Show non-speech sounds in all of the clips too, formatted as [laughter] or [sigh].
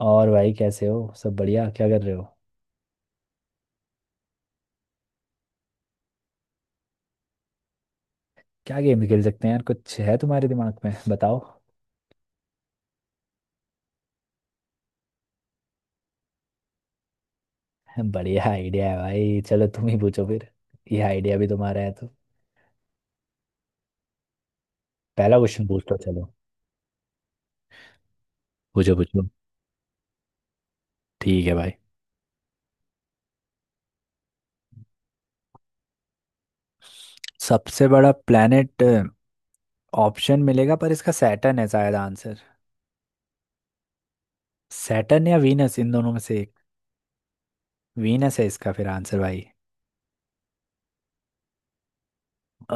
और भाई, कैसे हो? सब बढ़िया? क्या कर रहे हो? क्या गेम खेल सकते हैं यार? कुछ है तुम्हारे दिमाग में? [laughs] बताओ। बढ़िया आइडिया है भाई। चलो तुम ही पूछो फिर। ये आइडिया भी तुम्हारा है तो पहला क्वेश्चन पूछ लो। चलो पूछो पूछो। ठीक है भाई। सबसे बड़ा प्लेनेट। ऑप्शन मिलेगा पर इसका सैटर्न है शायद आंसर। सैटर्न या वीनस, इन दोनों में से एक। वीनस है इसका फिर आंसर भाई।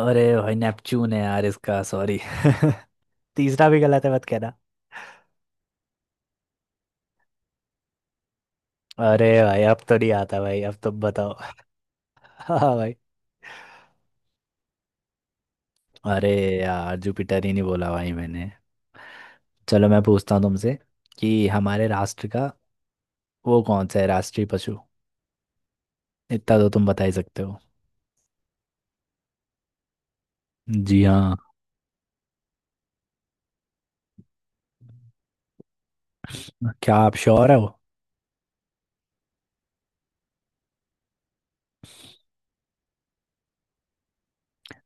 अरे भाई नेपच्यून है यार इसका, सॉरी। [laughs] तीसरा भी गलत है मत कहना। अरे भाई अब तो नहीं आता भाई, अब तुम बताओ। हाँ हाँ भाई। अरे यार, जुपिटर ही नहीं बोला भाई मैंने। चलो मैं पूछता हूँ तुमसे, कि हमारे राष्ट्र का वो कौन सा है राष्ट्रीय पशु? इतना तो तुम बता ही सकते हो। जी हाँ। क्या आप श्योर हो?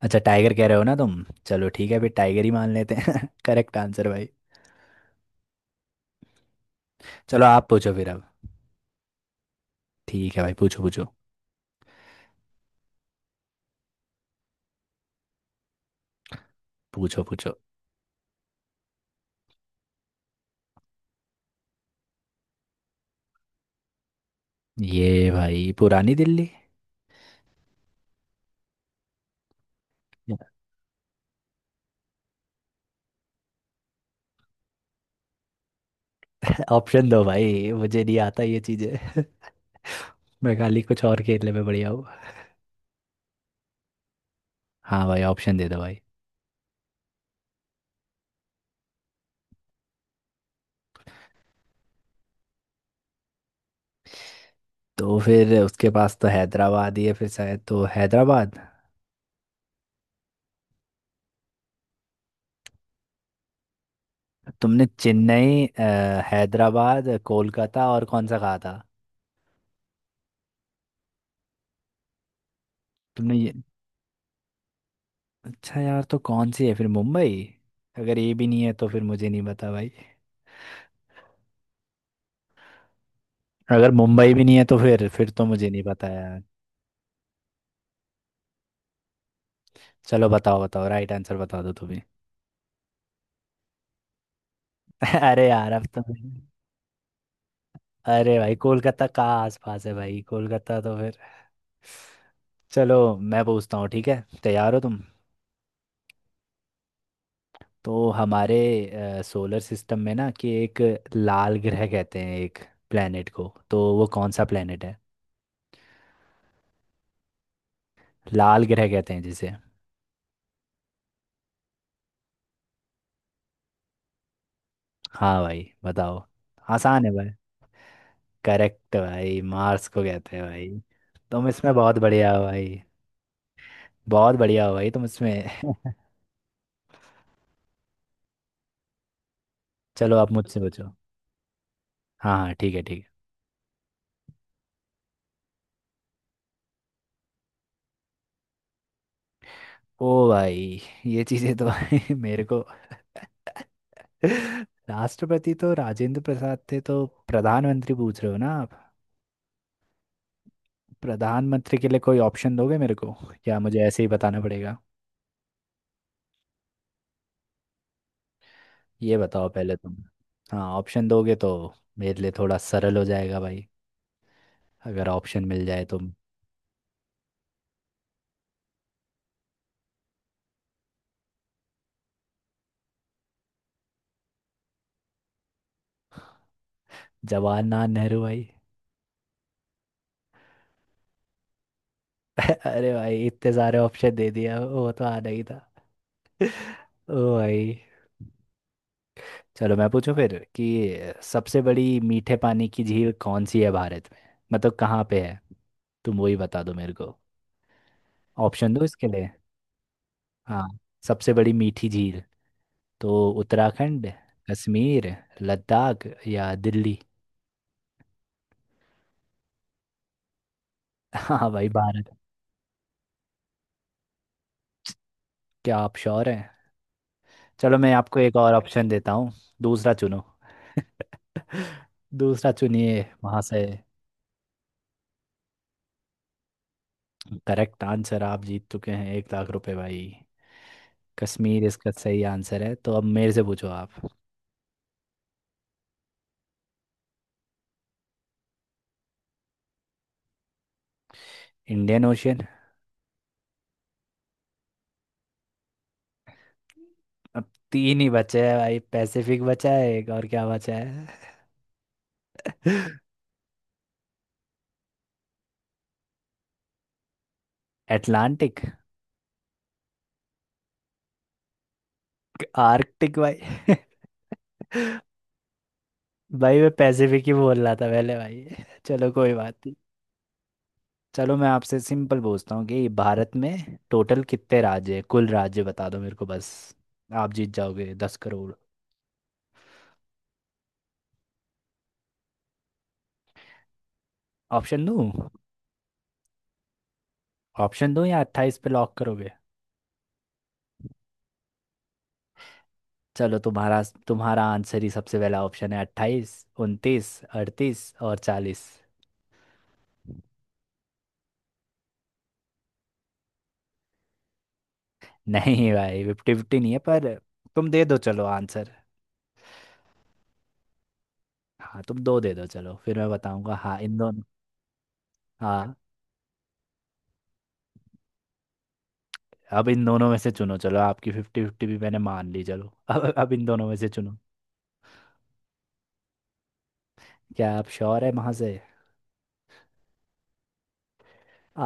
अच्छा टाइगर कह रहे हो ना तुम? चलो ठीक है, फिर टाइगर ही मान लेते हैं। [laughs] करेक्ट आंसर भाई। चलो आप पूछो फिर अब। ठीक है भाई, पूछो पूछो। पूछो पूछो। ये भाई, पुरानी दिल्ली। [laughs] ऑप्शन दो भाई, मुझे नहीं आता ये चीजें। [laughs] मैं खाली कुछ और खेलने में बढ़िया हूँ। हाँ भाई, ऑप्शन दे दो भाई। तो फिर उसके पास तो हैदराबाद ही है फिर, शायद, तो हैदराबाद। तुमने चेन्नई, हैदराबाद, कोलकाता और कौन सा कहा था? तुमने ये अच्छा यार तो कौन सी है फिर? मुंबई? अगर ये भी नहीं है तो फिर मुझे नहीं पता भाई। अगर मुंबई भी नहीं है तो फिर तो मुझे नहीं पता यार। चलो बताओ बताओ, राइट आंसर बता दो तुम्हें। [laughs] अरे यार अब तो मैंने- अरे भाई कोलकाता का आसपास है भाई, कोलकाता तो फिर। चलो मैं पूछता हूँ, ठीक है? तैयार हो तुम? तो हमारे सोलर सिस्टम में ना, कि एक लाल ग्रह कहते हैं एक प्लेनेट को, तो वो कौन सा प्लेनेट है? लाल ग्रह कहते हैं जिसे। हाँ भाई बताओ। आसान है भाई। करेक्ट भाई, मार्स को कहते हैं भाई। तुम इसमें बहुत बढ़िया हो भाई। बहुत बढ़िया हो भाई तुम इसमें। [laughs] चलो आप मुझसे पूछो। हाँ हाँ, ठीक है ठीक है। ओ भाई, ये चीज़ें तो भाई [laughs] मेरे को। [laughs] राष्ट्रपति तो राजेंद्र प्रसाद थे, तो प्रधानमंत्री पूछ रहे हो ना? प्रधानमंत्री के लिए कोई ऑप्शन दोगे मेरे को, या मुझे ऐसे ही बताना पड़ेगा? ये बताओ पहले तुम। हाँ, ऑप्शन दोगे तो मेरे लिए थोड़ा सरल हो जाएगा भाई, अगर ऑप्शन मिल जाए तो। जवाहरलाल नेहरू भाई। [laughs] अरे भाई इतने सारे ऑप्शन दे दिया, वो तो आना ही था। [laughs] ओ भाई। चलो मैं पूछूं फिर, कि सबसे बड़ी मीठे पानी की झील कौन सी है भारत में? मतलब कहाँ पे है, तुम वही बता दो मेरे को। ऑप्शन दो इसके लिए। हाँ, सबसे बड़ी मीठी झील। तो उत्तराखंड, कश्मीर, लद्दाख या दिल्ली? हाँ भाई, भारत। क्या आप श्योर हैं? चलो मैं आपको एक और ऑप्शन देता हूँ, दूसरा चुनो। [laughs] दूसरा चुनिए वहां से। करेक्ट आंसर, आप जीत चुके हैं 1 लाख रुपए भाई। कश्मीर इसका सही आंसर है। तो अब मेरे से पूछो आप। Indian Ocean. अब तीन ही बचे हैं भाई, पैसिफिक बचा है, एक और क्या बचा है? [laughs] अटलांटिक। आर्कटिक भाई। [laughs] भाई मैं पैसिफिक ही बोल रहा था पहले भाई। [laughs] चलो कोई बात नहीं। चलो मैं आपसे सिंपल पूछता हूँ कि भारत में टोटल कितने राज्य हैं? कुल राज्य बता दो मेरे को बस, आप जीत जाओगे 10 करोड़। ऑप्शन दूँ? ऑप्शन दूँ या 28 पे लॉक करोगे? चलो तुम्हारा तुम्हारा आंसर ही सबसे पहला ऑप्शन है। 28, 29, 38 और 40। नहीं भाई, 50-50 नहीं है पर तुम दे दो चलो आंसर। हाँ तुम दो दे दो, चलो फिर मैं बताऊंगा हाँ इन दोनों। हाँ, अब इन दोनों में से चुनो। चलो आपकी 50-50 भी मैंने मान ली। चलो अब इन दोनों में से चुनो। क्या आप श्योर है वहां से?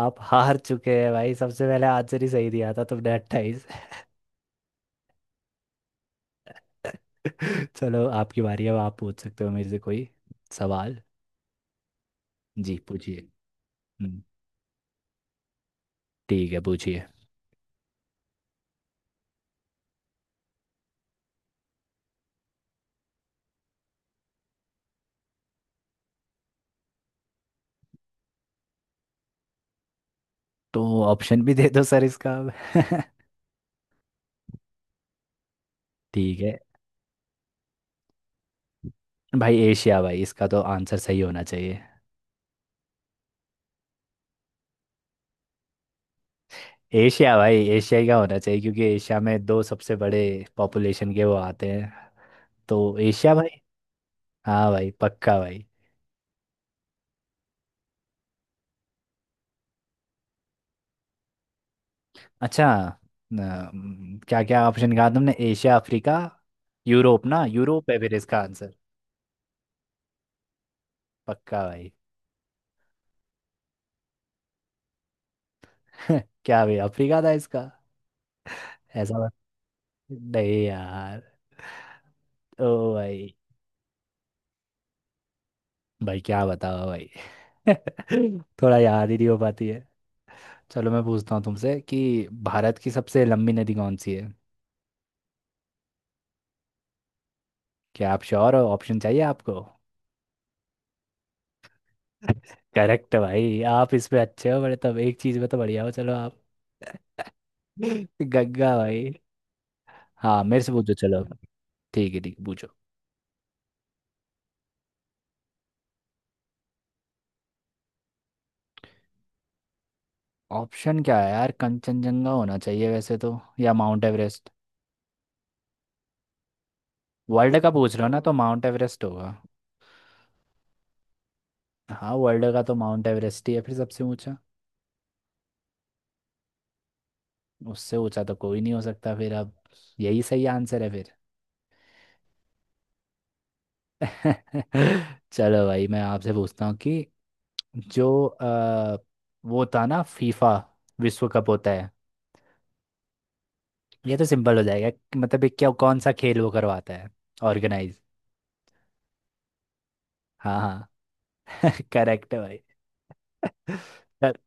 आप हार चुके हैं भाई, सबसे पहले आंसर ही सही दिया था तुमने, 28। [laughs] चलो आपकी बारी है, अब आप पूछ सकते हो मेरे से कोई सवाल। जी पूछिए। हम्म, ठीक है पूछिए। तो ऑप्शन भी दे दो सर इसका अब। [laughs] ठीक है भाई। एशिया भाई, इसका तो आंसर सही होना चाहिए। एशिया भाई, एशिया ही का होना चाहिए क्योंकि एशिया में दो सबसे बड़े पॉपुलेशन के वो आते हैं। तो एशिया भाई। हाँ भाई, पक्का भाई। अच्छा, क्या क्या ऑप्शन कहा तुमने? एशिया, अफ्रीका, यूरोप ना? यूरोप है फिर इसका आंसर। पक्का भाई। [laughs] क्या भाई, अफ्रीका था इसका? ऐसा बात नहीं यार। ओ भाई। भाई क्या बताओ भाई। [laughs] थोड़ा याद ही नहीं हो पाती है। चलो मैं पूछता हूँ तुमसे कि भारत की सबसे लंबी नदी कौन सी है? क्या आप श्योर हो? ऑप्शन चाहिए आपको? करेक्ट भाई, आप इसमें अच्छे हो बड़े, तब एक चीज में तो बढ़िया हो चलो आप। [laughs] गंगा भाई। हाँ, मेरे से पूछो चलो। ठीक है ठीक है, पूछो। ऑप्शन क्या है यार? कंचनजंगा होना चाहिए वैसे तो, या माउंट एवरेस्ट। वर्ल्ड का पूछ रहे हो ना? तो माउंट एवरेस्ट होगा। हाँ, वर्ल्ड का तो माउंट एवरेस्ट ही है फिर सबसे ऊंचा। उससे ऊंचा तो कोई नहीं हो सकता फिर, अब यही सही आंसर है फिर। [laughs] चलो भाई मैं आपसे पूछता हूँ कि जो वो था ना फीफा विश्व कप होता है। ये तो सिंपल हो जाएगा कि मतलब ये क्या, कौन सा खेल वो करवाता है, ऑर्गेनाइज? हाँ हाँ। [laughs] करेक्ट है भाई। [laughs] सर,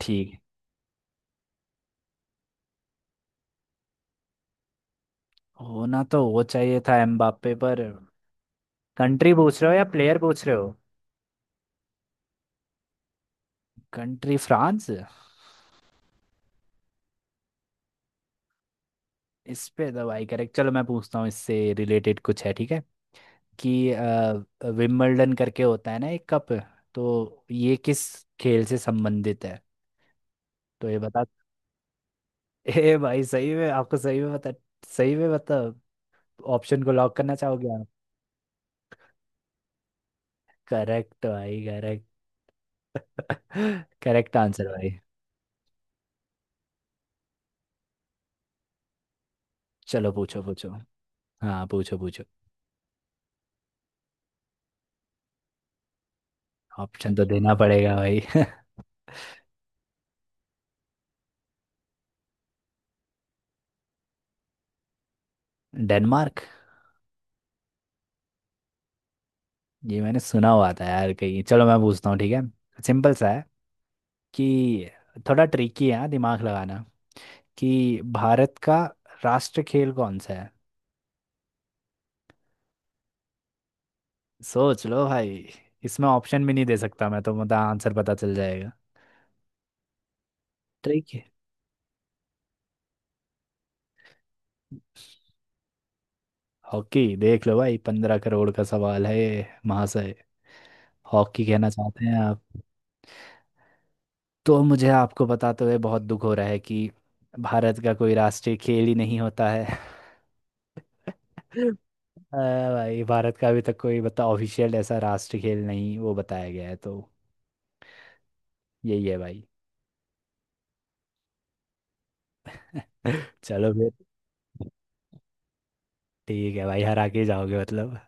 ठीक है। होना तो वो चाहिए था एम्बाप्पे, पर कंट्री पूछ रहे हो या प्लेयर पूछ रहे हो? Country, France. इस पे तो भाई करेक्ट। चलो मैं पूछता हूँ इससे रिलेटेड कुछ है, ठीक है? कि विंबलडन करके होता है ना एक कप। तो ये किस खेल से संबंधित है? तो ये बता। ए भाई सही में? आपको सही में बता, सही में मतलब? ऑप्शन को लॉक करना चाहोगे आप? करेक्ट भाई, करेक्ट। करेक्ट आंसर [laughs] भाई। चलो पूछो पूछो। हाँ पूछो पूछो। ऑप्शन तो देना पड़ेगा भाई। [laughs] डेनमार्क। ये मैंने सुना हुआ था यार कहीं। चलो मैं पूछता हूँ, ठीक है, सिंपल सा है। कि थोड़ा ट्रिकी है हाँ, दिमाग लगाना, कि भारत का राष्ट्र खेल कौन सा है? सोच लो भाई। इसमें ऑप्शन भी नहीं दे सकता मैं तो, मतलब आंसर पता चल जाएगा ट्रिक। हॉकी? देख लो भाई, 15 करोड़ का सवाल है ये, महाशय। हॉकी कहना चाहते हैं आप? तो मुझे आपको बताते हुए बहुत दुख हो रहा है कि भारत का कोई राष्ट्रीय खेल ही नहीं होता है। [laughs] भाई भारत का अभी तक कोई बता ऑफिशियल ऐसा राष्ट्रीय खेल नहीं वो बताया गया है, तो यही है भाई। [laughs] चलो फिर। ठीक है भाई, हरा के जाओगे मतलब?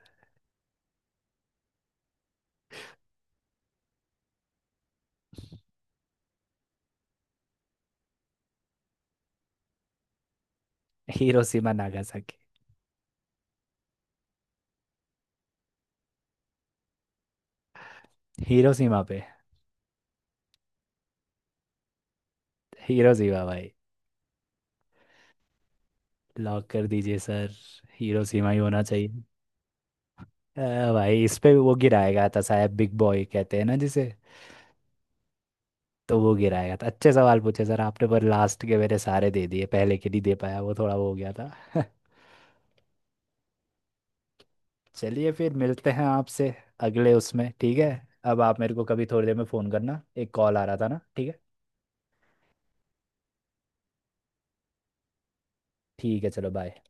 Hiroshima, Nagasaki. हिरोशिमा पे। हिरोशिमा भाई। लॉक कर दीजिए सर। हिरोशिमा ही होना चाहिए। अ, भाई इस पे भी वो गिराएगा था साहब, बिग बॉय कहते हैं ना जिसे? तो वो गिराएगा था। अच्छे सवाल पूछे सर आपने, पर लास्ट के मेरे सारे दे दिए, पहले के नहीं दे पाया, वो थोड़ा वो हो गया था। [laughs] चलिए फिर मिलते हैं आपसे अगले उसमें, ठीक है? अब आप मेरे को कभी थोड़ी देर में फ़ोन करना, एक कॉल आ रहा था ना, ठीक है? ठीक है चलो बाय।